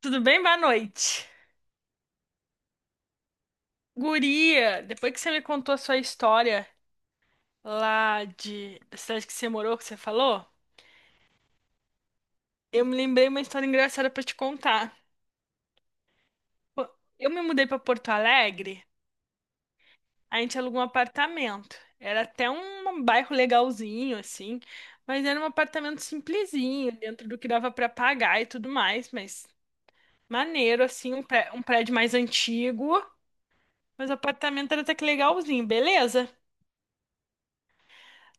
Tudo bem? Boa noite. Guria, depois que você me contou a sua história lá de da cidade que você morou, que você falou, eu me lembrei uma história engraçada pra te contar. Pô, eu me mudei pra Porto Alegre, a gente alugou um apartamento. Era até um bairro legalzinho, assim, mas era um apartamento simplesinho, dentro do que dava pra pagar e tudo mais, mas maneiro, assim, um prédio mais antigo, mas o apartamento era até que legalzinho, beleza?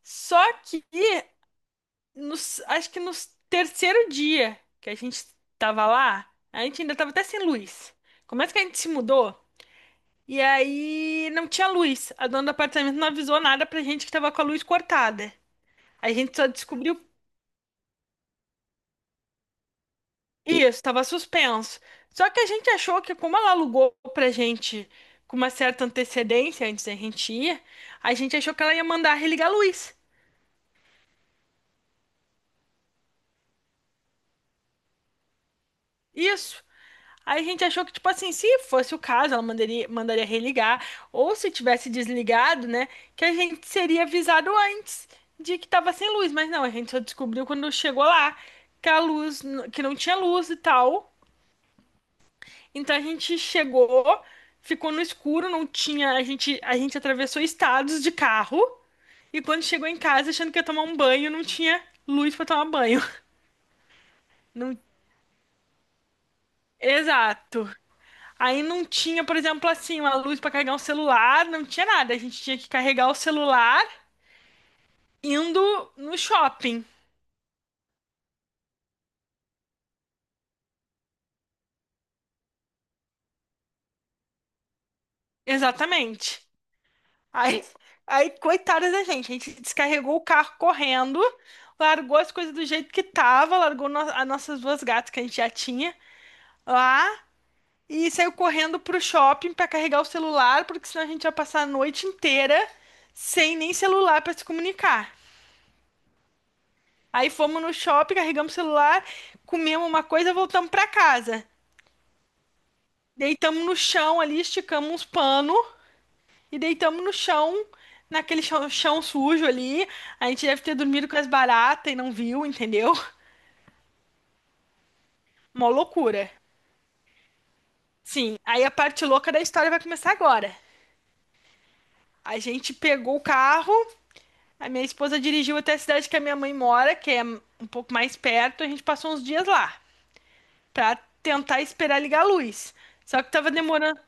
Só que acho que no terceiro dia que a gente tava lá, a gente ainda tava até sem luz. Como é que a gente se mudou? E aí não tinha luz. A dona do apartamento não avisou nada pra gente que tava com a luz cortada. A gente só descobriu isso, tava suspenso. Só que a gente achou que como ela alugou pra gente com uma certa antecedência antes da gente ir, a gente achou que ela ia mandar religar a luz. Isso. Aí a gente achou que, tipo assim, se fosse o caso, ela mandaria religar, ou se tivesse desligado, né, que a gente seria avisado antes de que tava sem luz. Mas não, a gente só descobriu quando chegou lá que a luz, que não tinha luz e tal. Então a gente chegou, ficou no escuro, não tinha, a gente atravessou estados de carro e quando chegou em casa achando que ia tomar um banho, não tinha luz pra tomar banho. Não, exato. Aí não tinha, por exemplo, assim, uma luz pra carregar um celular, não tinha nada. A gente tinha que carregar o celular indo no shopping. Exatamente. Aí, aí, coitada da gente, a gente descarregou o carro correndo, largou as coisas do jeito que tava, largou as nossas duas gatas que a gente já tinha lá e saiu correndo pro shopping pra carregar o celular, porque senão a gente ia passar a noite inteira sem nem celular pra se comunicar. Aí fomos no shopping, carregamos o celular, comemos uma coisa, voltamos pra casa. Deitamos no chão ali, esticamos uns panos e deitamos no chão, naquele chão, chão sujo ali. A gente deve ter dormido com as baratas e não viu, entendeu? Mó loucura. Sim, aí a parte louca da história vai começar agora. A gente pegou o carro, a minha esposa dirigiu até a cidade que a minha mãe mora, que é um pouco mais perto. A gente passou uns dias lá pra tentar esperar ligar a luz. Só que tava demorando.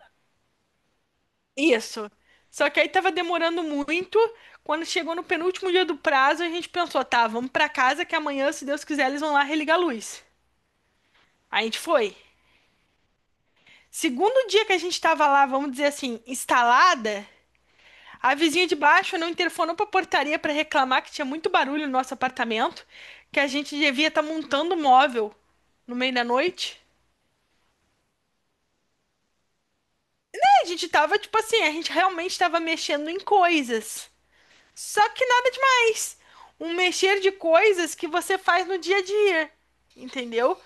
Isso. Só que aí tava demorando muito. Quando chegou no penúltimo dia do prazo, a gente pensou, tá, vamos pra casa que amanhã, se Deus quiser, eles vão lá religar a luz. Aí a gente foi. Segundo dia que a gente tava lá, vamos dizer assim, instalada, a vizinha de baixo não interfonou pra portaria pra reclamar que tinha muito barulho no nosso apartamento, que a gente devia estar montando um móvel no meio da noite. A gente tava, tipo assim, a gente realmente tava mexendo em coisas. Só que nada demais. Um mexer de coisas que você faz no dia a dia, entendeu?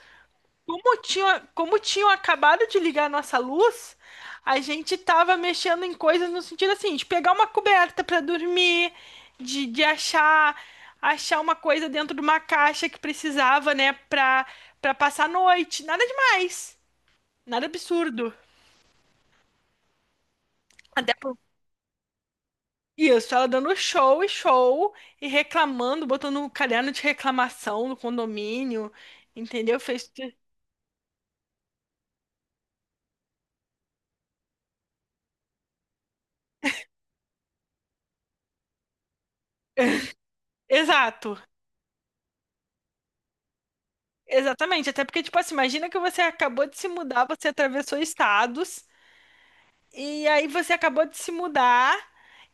Como tinham acabado de ligar a nossa luz, a gente tava mexendo em coisas no sentido assim, de pegar uma coberta para dormir, de achar uma coisa dentro de uma caixa que precisava, né, para para passar a noite. Nada demais. Nada absurdo. Até por Isso, ela dando show e show e reclamando, botando um caderno de reclamação no condomínio, entendeu? Fez. Exato, exatamente. Até porque, tipo assim, imagina que você acabou de se mudar, você atravessou estados, e aí você acabou de se mudar,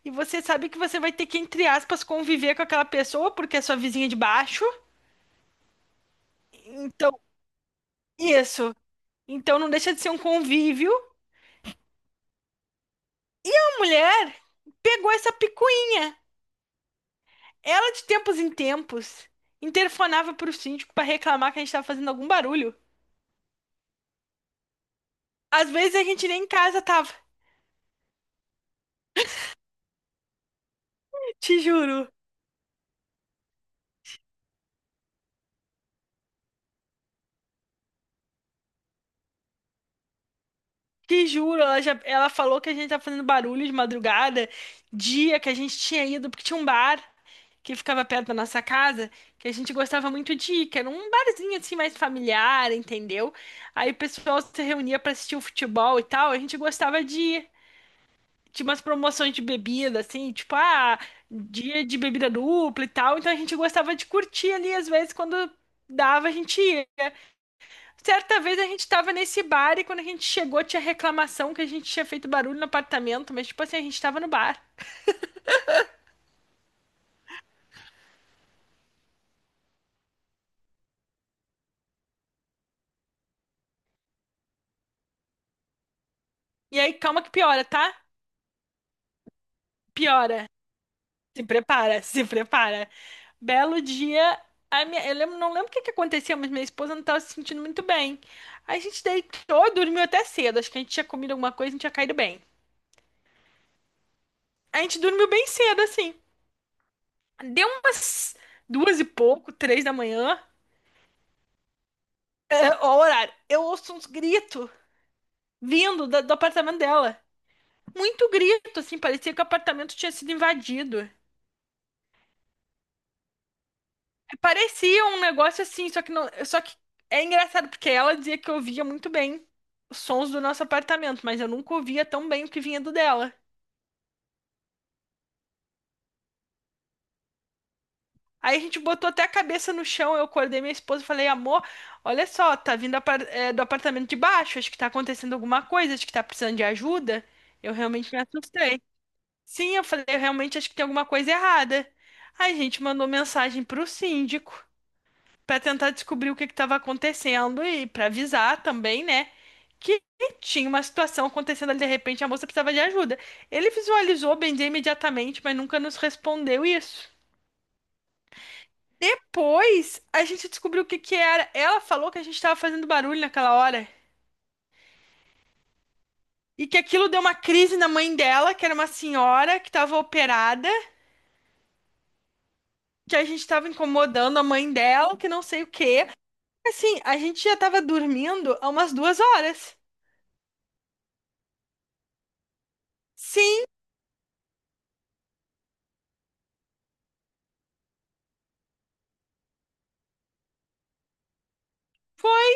e você sabe que você vai ter que, entre aspas, conviver com aquela pessoa, porque é sua vizinha de baixo. Então, isso. Então não deixa de ser um convívio. A mulher pegou essa picuinha. Ela, de tempos em tempos, interfonava pro síndico pra reclamar que a gente tava fazendo algum barulho. Às vezes a gente nem em casa tava. Te juro. Te juro, ela falou que a gente tava fazendo barulho de madrugada, dia que a gente tinha ido, porque tinha um bar que ficava perto da nossa casa, que a gente gostava muito de ir, que era um barzinho assim mais familiar, entendeu? Aí o pessoal se reunia pra assistir o futebol e tal, a gente gostava de ir. Tinha umas promoções de bebida, assim, tipo, ah, dia de bebida dupla e tal. Então a gente gostava de curtir ali, às vezes, quando dava, a gente ia. Certa vez a gente tava nesse bar e quando a gente chegou tinha reclamação que a gente tinha feito barulho no apartamento, mas, tipo assim, a gente tava no bar. E aí, calma que piora, tá? Piora. Se prepara, se prepara. Belo dia. A minha, não lembro o que que aconteceu, mas minha esposa não estava se sentindo muito bem. A gente deitou, dormiu até cedo. Acho que a gente tinha comido alguma coisa, a gente tinha caído bem. A gente dormiu bem cedo, assim. Deu umas duas e pouco, 3 da manhã. É, ó, o horário. Eu ouço uns gritos vindo do apartamento dela. Muito grito, assim, parecia que o apartamento tinha sido invadido. É, parecia um negócio assim, só que não, só que é engraçado porque ela dizia que eu ouvia muito bem os sons do nosso apartamento, mas eu nunca ouvia tão bem o que vinha do dela. Aí a gente botou até a cabeça no chão, eu acordei minha esposa e falei, amor, olha só, tá vindo do apartamento de baixo, acho que tá acontecendo alguma coisa, acho que tá precisando de ajuda. Eu realmente me assustei. Sim, eu falei, eu realmente acho que tem alguma coisa errada. Aí a gente mandou mensagem pro síndico pra tentar descobrir o que que tava acontecendo e pra avisar também, né, que tinha uma situação acontecendo ali de repente, a moça precisava de ajuda. Ele visualizou, bem dizer, imediatamente, mas nunca nos respondeu isso. Pois a gente descobriu o que que era. Ela falou que a gente tava fazendo barulho naquela hora. E que aquilo deu uma crise na mãe dela, que era uma senhora que tava operada, que a gente tava incomodando a mãe dela, que não sei o quê. Assim, a gente já tava dormindo há umas 2 horas. Sim, foi.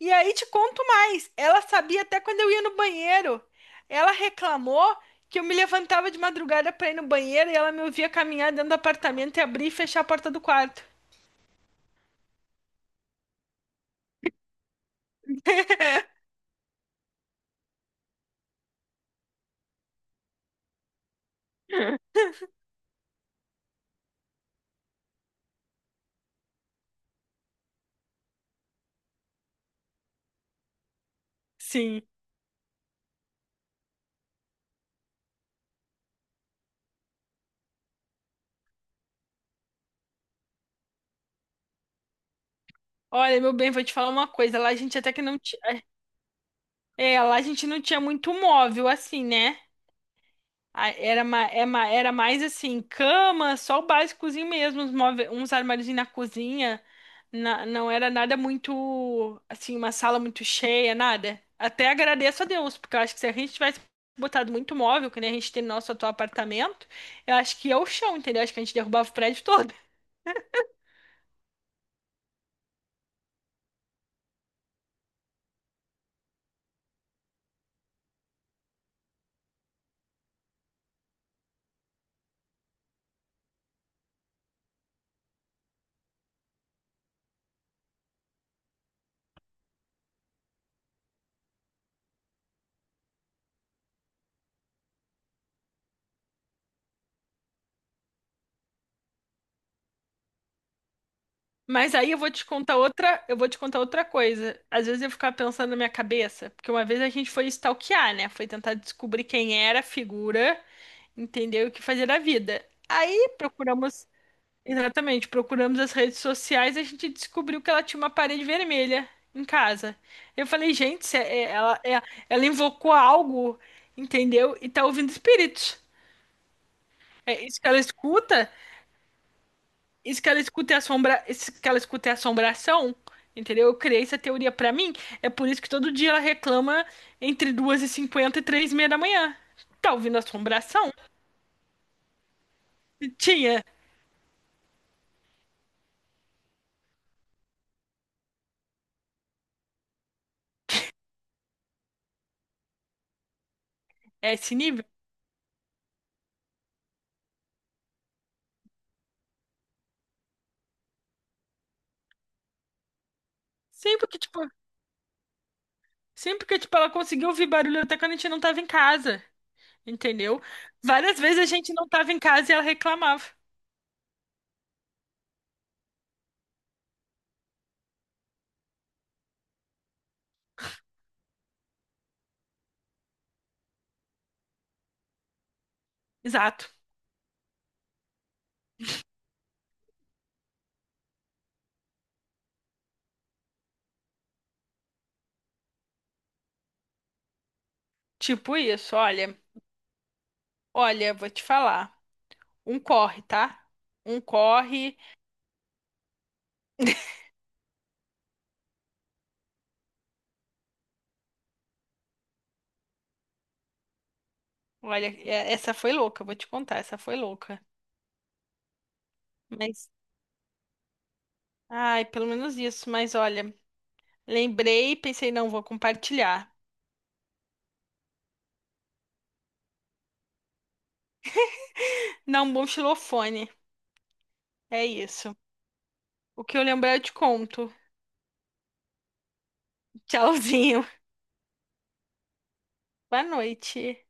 E aí te conto mais. Ela sabia até quando eu ia no banheiro. Ela reclamou que eu me levantava de madrugada pra ir no banheiro e ela me ouvia caminhar dentro do apartamento e abrir e fechar a porta do quarto. Sim. Olha, meu bem, vou te falar uma coisa. Lá a gente até que não tinha. É, lá a gente não tinha muito móvel, assim, né? A- Era, ma- é ma- era mais assim, cama, só o básicozinho mesmo, uns, uns armáriozinhos na cozinha. Não era nada muito, assim, uma sala muito cheia, nada. Até agradeço a Deus, porque eu acho que se a gente tivesse botado muito móvel, que nem a gente tem no nosso atual apartamento, eu acho que ia o chão, entendeu? Acho que a gente derrubava o prédio todo. Mas aí eu vou te contar outra, eu vou te contar outra coisa. Às vezes eu ficava pensando na minha cabeça, porque uma vez a gente foi stalkear, né? Foi tentar descobrir quem era a figura, entender o que fazer da vida. Aí procuramos, exatamente, procuramos as redes sociais, e a gente descobriu que ela tinha uma parede vermelha em casa. Eu falei, gente, se ela invocou algo, entendeu? E tá ouvindo espíritos. É isso que ela escuta? Isso que ela escuta é assombração, entendeu? Eu criei essa teoria pra mim. É por isso que todo dia ela reclama entre 2 e 53 h 30 da manhã. Tá ouvindo assombração? Tinha é esse nível? Sempre que, tipo, sempre que, tipo, ela conseguiu ouvir barulho até quando a gente não tava em casa, entendeu? Várias vezes a gente não tava em casa e ela reclamava. Exato. Tipo isso, olha, olha, vou te falar. Um corre, tá? Um corre. Olha, essa foi louca, vou te contar, essa foi louca. Mas, ai, pelo menos isso. Mas olha, lembrei, pensei, não, vou compartilhar. Não, um bom xilofone. É isso. O que eu lembrar, eu te conto. Tchauzinho. Boa noite.